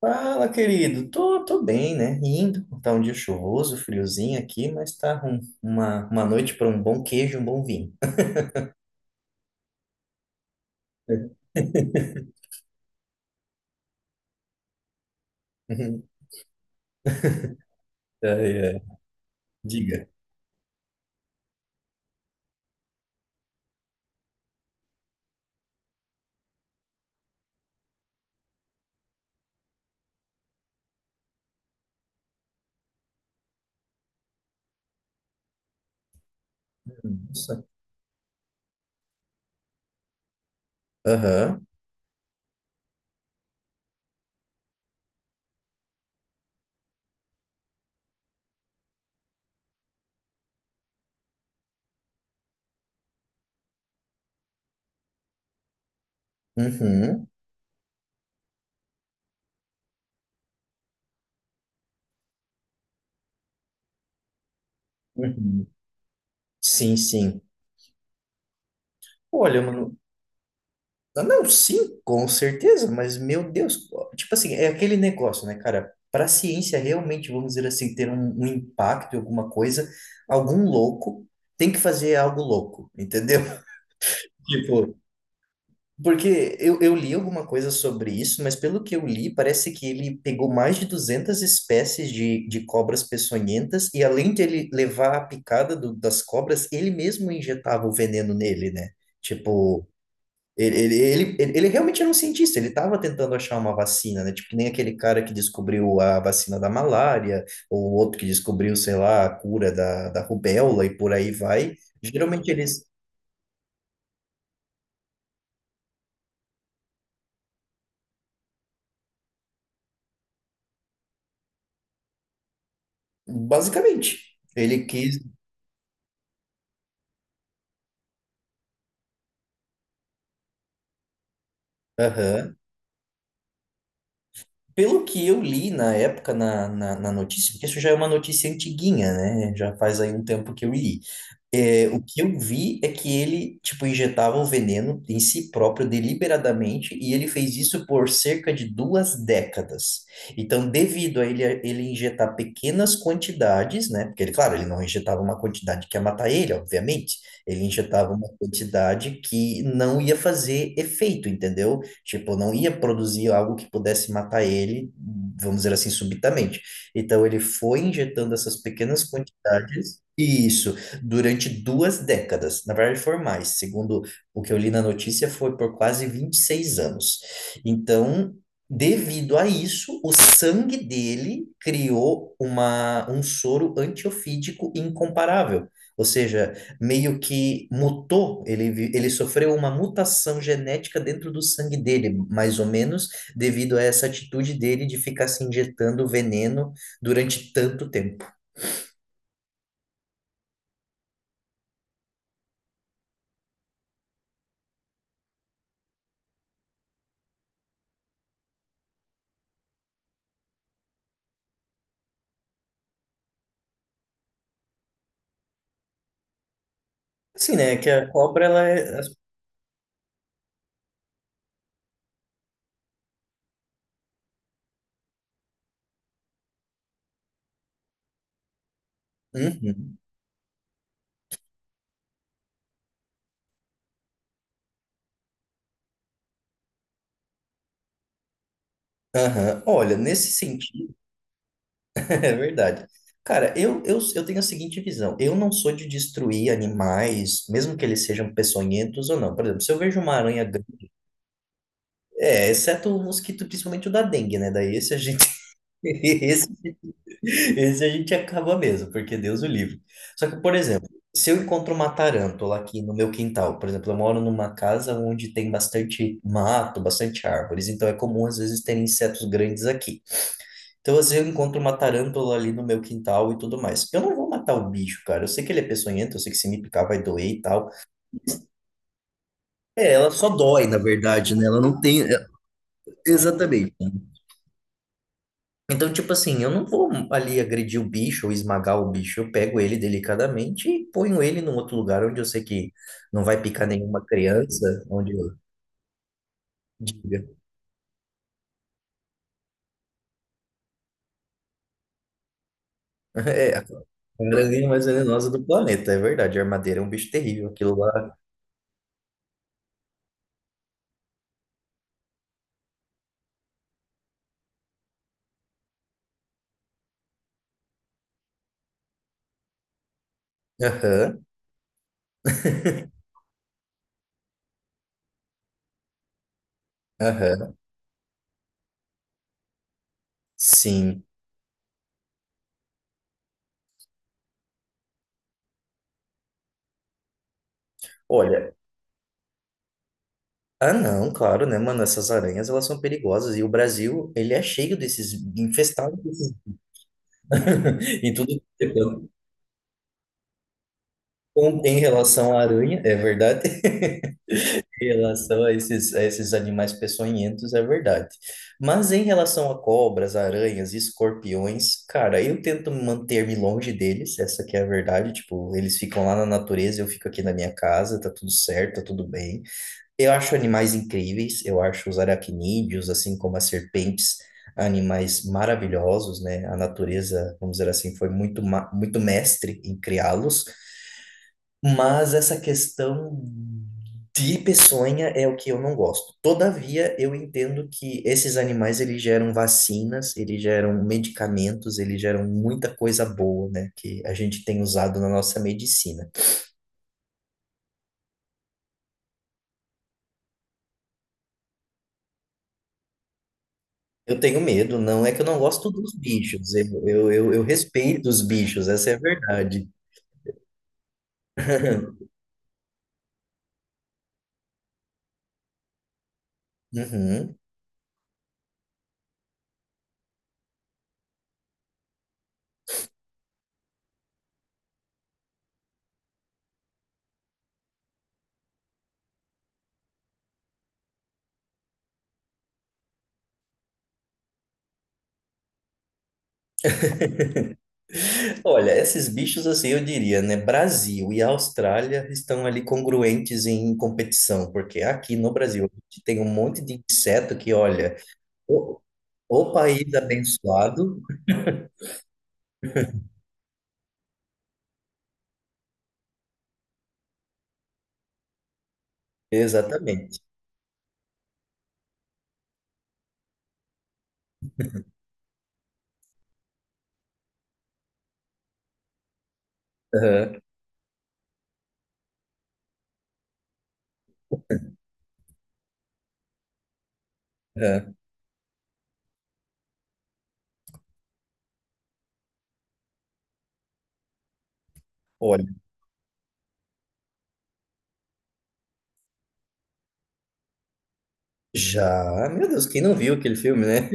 Fala, querido. Tô bem, né? Indo. Tá um dia chuvoso, friozinho aqui, mas tá uma noite para um bom queijo e um bom vinho. Ai, ai. Diga. Nossa. Aham. Uhum. Uhum. Sim, sim. Olha, mano. Não, sim, com certeza, mas meu Deus. Tipo assim, é aquele negócio, né, cara? Para a ciência realmente, vamos dizer assim, ter um impacto em alguma coisa, algum louco tem que fazer algo louco, entendeu? Tipo, porque eu li alguma coisa sobre isso, mas pelo que eu li, parece que ele pegou mais de 200 espécies de cobras peçonhentas, e além de ele levar a picada das cobras, ele mesmo injetava o veneno nele, né? Tipo, ele realmente era um cientista, ele estava tentando achar uma vacina, né? Tipo, que nem aquele cara que descobriu a vacina da malária, ou o outro que descobriu, sei lá, a cura da rubéola e por aí vai. Geralmente eles, basicamente, ele quis. Aham. Pelo que eu li na época na notícia, porque isso já é uma notícia antiguinha, né? Já faz aí um tempo que eu li. É, o que eu vi é que ele, tipo, injetava o veneno em si próprio deliberadamente e ele fez isso por cerca de 2 décadas. Então, devido a ele injetar pequenas quantidades, né? Porque ele, claro, ele não injetava uma quantidade que ia matar ele, obviamente. Ele injetava uma quantidade que não ia fazer efeito, entendeu? Tipo, não ia produzir algo que pudesse matar ele, vamos dizer assim, subitamente. Então, ele foi injetando essas pequenas quantidades. Isso durante 2 décadas. Na verdade, foram mais. Segundo o que eu li na notícia, foi por quase 26 anos. Então, devido a isso, o sangue dele criou um soro antiofídico incomparável. Ou seja, meio que mutou, ele, ele sofreu uma mutação genética dentro do sangue dele, mais ou menos, devido a essa atitude dele de ficar se injetando veneno durante tanto tempo. Assim, né? É que a cobra, ela é. Uhum. Aham. Olha, nesse sentido, é verdade. Cara, eu tenho a seguinte visão. Eu não sou de destruir animais, mesmo que eles sejam peçonhentos ou não. Por exemplo, se eu vejo uma aranha grande, é, exceto o mosquito, principalmente o da dengue, né? Daí esse a gente, esse, esse a gente acaba mesmo, porque Deus o livre. Só que, por exemplo, se eu encontro uma tarântula aqui no meu quintal, por exemplo, eu moro numa casa onde tem bastante mato, bastante árvores, então é comum às vezes ter insetos grandes aqui. Então, às vezes, eu encontro uma tarântula ali no meu quintal e tudo mais. Eu não vou matar o bicho, cara. Eu sei que ele é peçonhento, eu sei que se me picar vai doer e tal. É, ela só dói, na verdade, né? Ela não tem. É, exatamente. Então, tipo assim, eu não vou ali agredir o bicho ou esmagar o bicho. Eu pego ele delicadamente e ponho ele num outro lugar onde eu sei que não vai picar nenhuma criança, onde eu diga. É, a aranha mais venenosa do planeta, é verdade. A armadeira é um bicho terrível, aquilo lá. Aham, aham. Sim. Olha, ah, não, claro, né, mano? Essas aranhas, elas são perigosas. E o Brasil, ele é cheio desses, infestado desses... em tudo que é canto. Em relação à aranha, é verdade. Em relação a esses animais peçonhentos, é verdade. Mas em relação a cobras, aranhas, escorpiões, cara, eu tento manter-me longe deles, essa que é a verdade. Tipo, eles ficam lá na natureza, eu fico aqui na minha casa, tá tudo certo, tá tudo bem. Eu acho animais incríveis, eu acho os aracnídeos, assim como as serpentes, animais maravilhosos, né? A natureza, vamos dizer assim, foi muito, muito mestre em criá-los, mas essa questão de peçonha é o que eu não gosto. Todavia, eu entendo que esses animais, eles geram vacinas, eles geram medicamentos, eles geram muita coisa boa, né? Que a gente tem usado na nossa medicina. Eu tenho medo, não é que eu não gosto dos bichos, eu respeito os bichos, essa é a verdade. Uhum. Olha, esses bichos, assim, eu diria, né? Brasil e Austrália estão ali congruentes em competição, porque aqui no Brasil a gente tem um monte de inseto que, olha, o, o país abençoado, exatamente. Aham, aham. Olha, já, meu Deus, quem não viu aquele filme, né?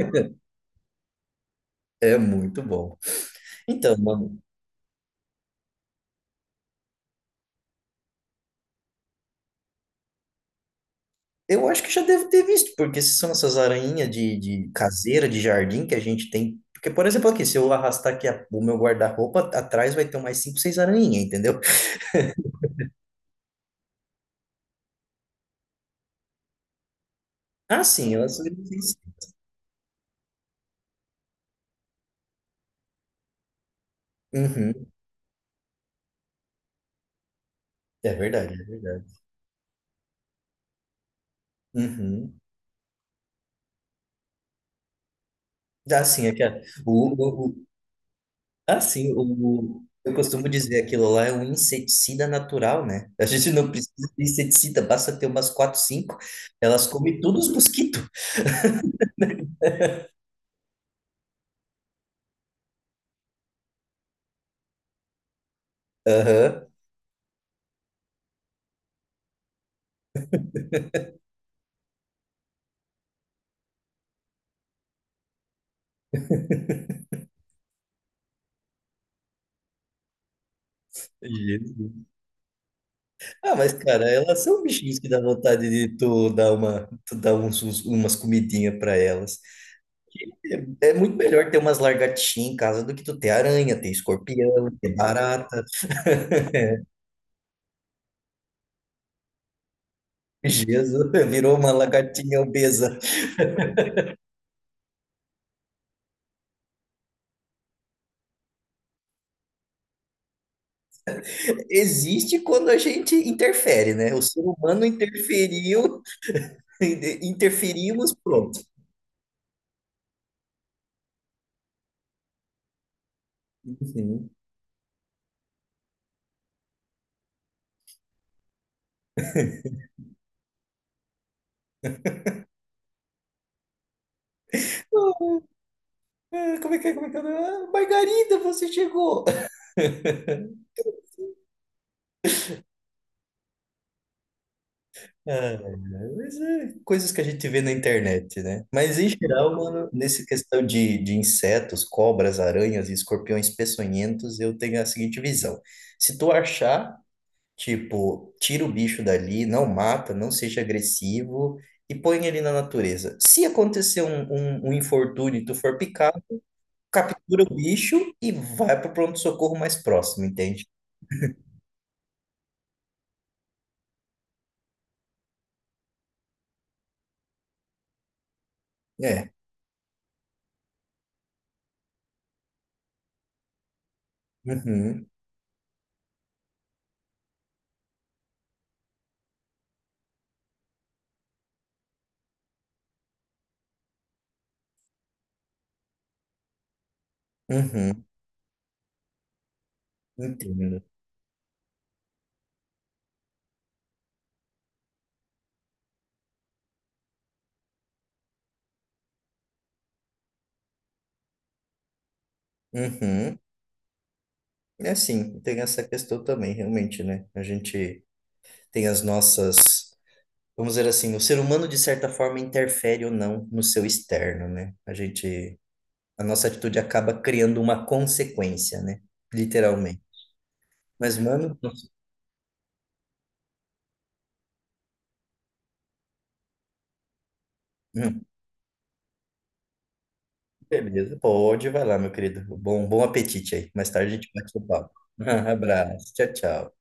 É muito bom. Então, mano. Eu acho que já devo ter visto, porque se são essas aranhinhas de caseira, de jardim que a gente tem. Porque, por exemplo, aqui, se eu arrastar aqui o meu guarda-roupa, atrás vai ter mais cinco, seis aranhinhas, entendeu? Ah, sim, eu sou inofensivo. Uhum. É verdade, é verdade. Uhum. Ah, sim, é que o, o, o- ah, sim, o, eu costumo dizer aquilo lá é um inseticida natural, né? A gente não precisa de inseticida, basta ter umas quatro, cinco, elas comem todos os mosquitos. Aham. Ah, mas, cara, elas são bichinhos que dá vontade de tu dar uma, tu dar uns, umas comidinhas para elas. É, é muito melhor ter umas lagartixinhas em casa do que tu ter aranha, ter escorpião, ter barata. Jesus, virou uma lagartinha obesa. Existe quando a gente interfere, né? O ser humano interferiu, interferimos, pronto. Uhum. Ah, como é que é? Como é que é? Ah, Margarida, você chegou! Ah, mas é coisas que a gente vê na internet, né? Mas em geral, mano, nessa questão de insetos, cobras, aranhas e escorpiões peçonhentos, eu tenho a seguinte visão. Se tu achar, tipo, tira o bicho dali, não mata, não seja agressivo e põe ele na natureza. Se acontecer um infortúnio e tu for picado, captura o bicho e vai pro pronto-socorro mais próximo, entende? É. Uhum, uhum, entendo. Uhum. É assim, tem essa questão também, realmente, né? A gente tem as nossas, vamos dizer assim, o ser humano de certa forma interfere ou não no seu externo, né? A gente, a nossa atitude acaba criando uma consequência, né? Literalmente. Mas, mano, hum, beleza, pode, vai lá, meu querido. Bom, bom apetite aí. Mais tarde a gente bate o papo. Abraço, tchau, tchau.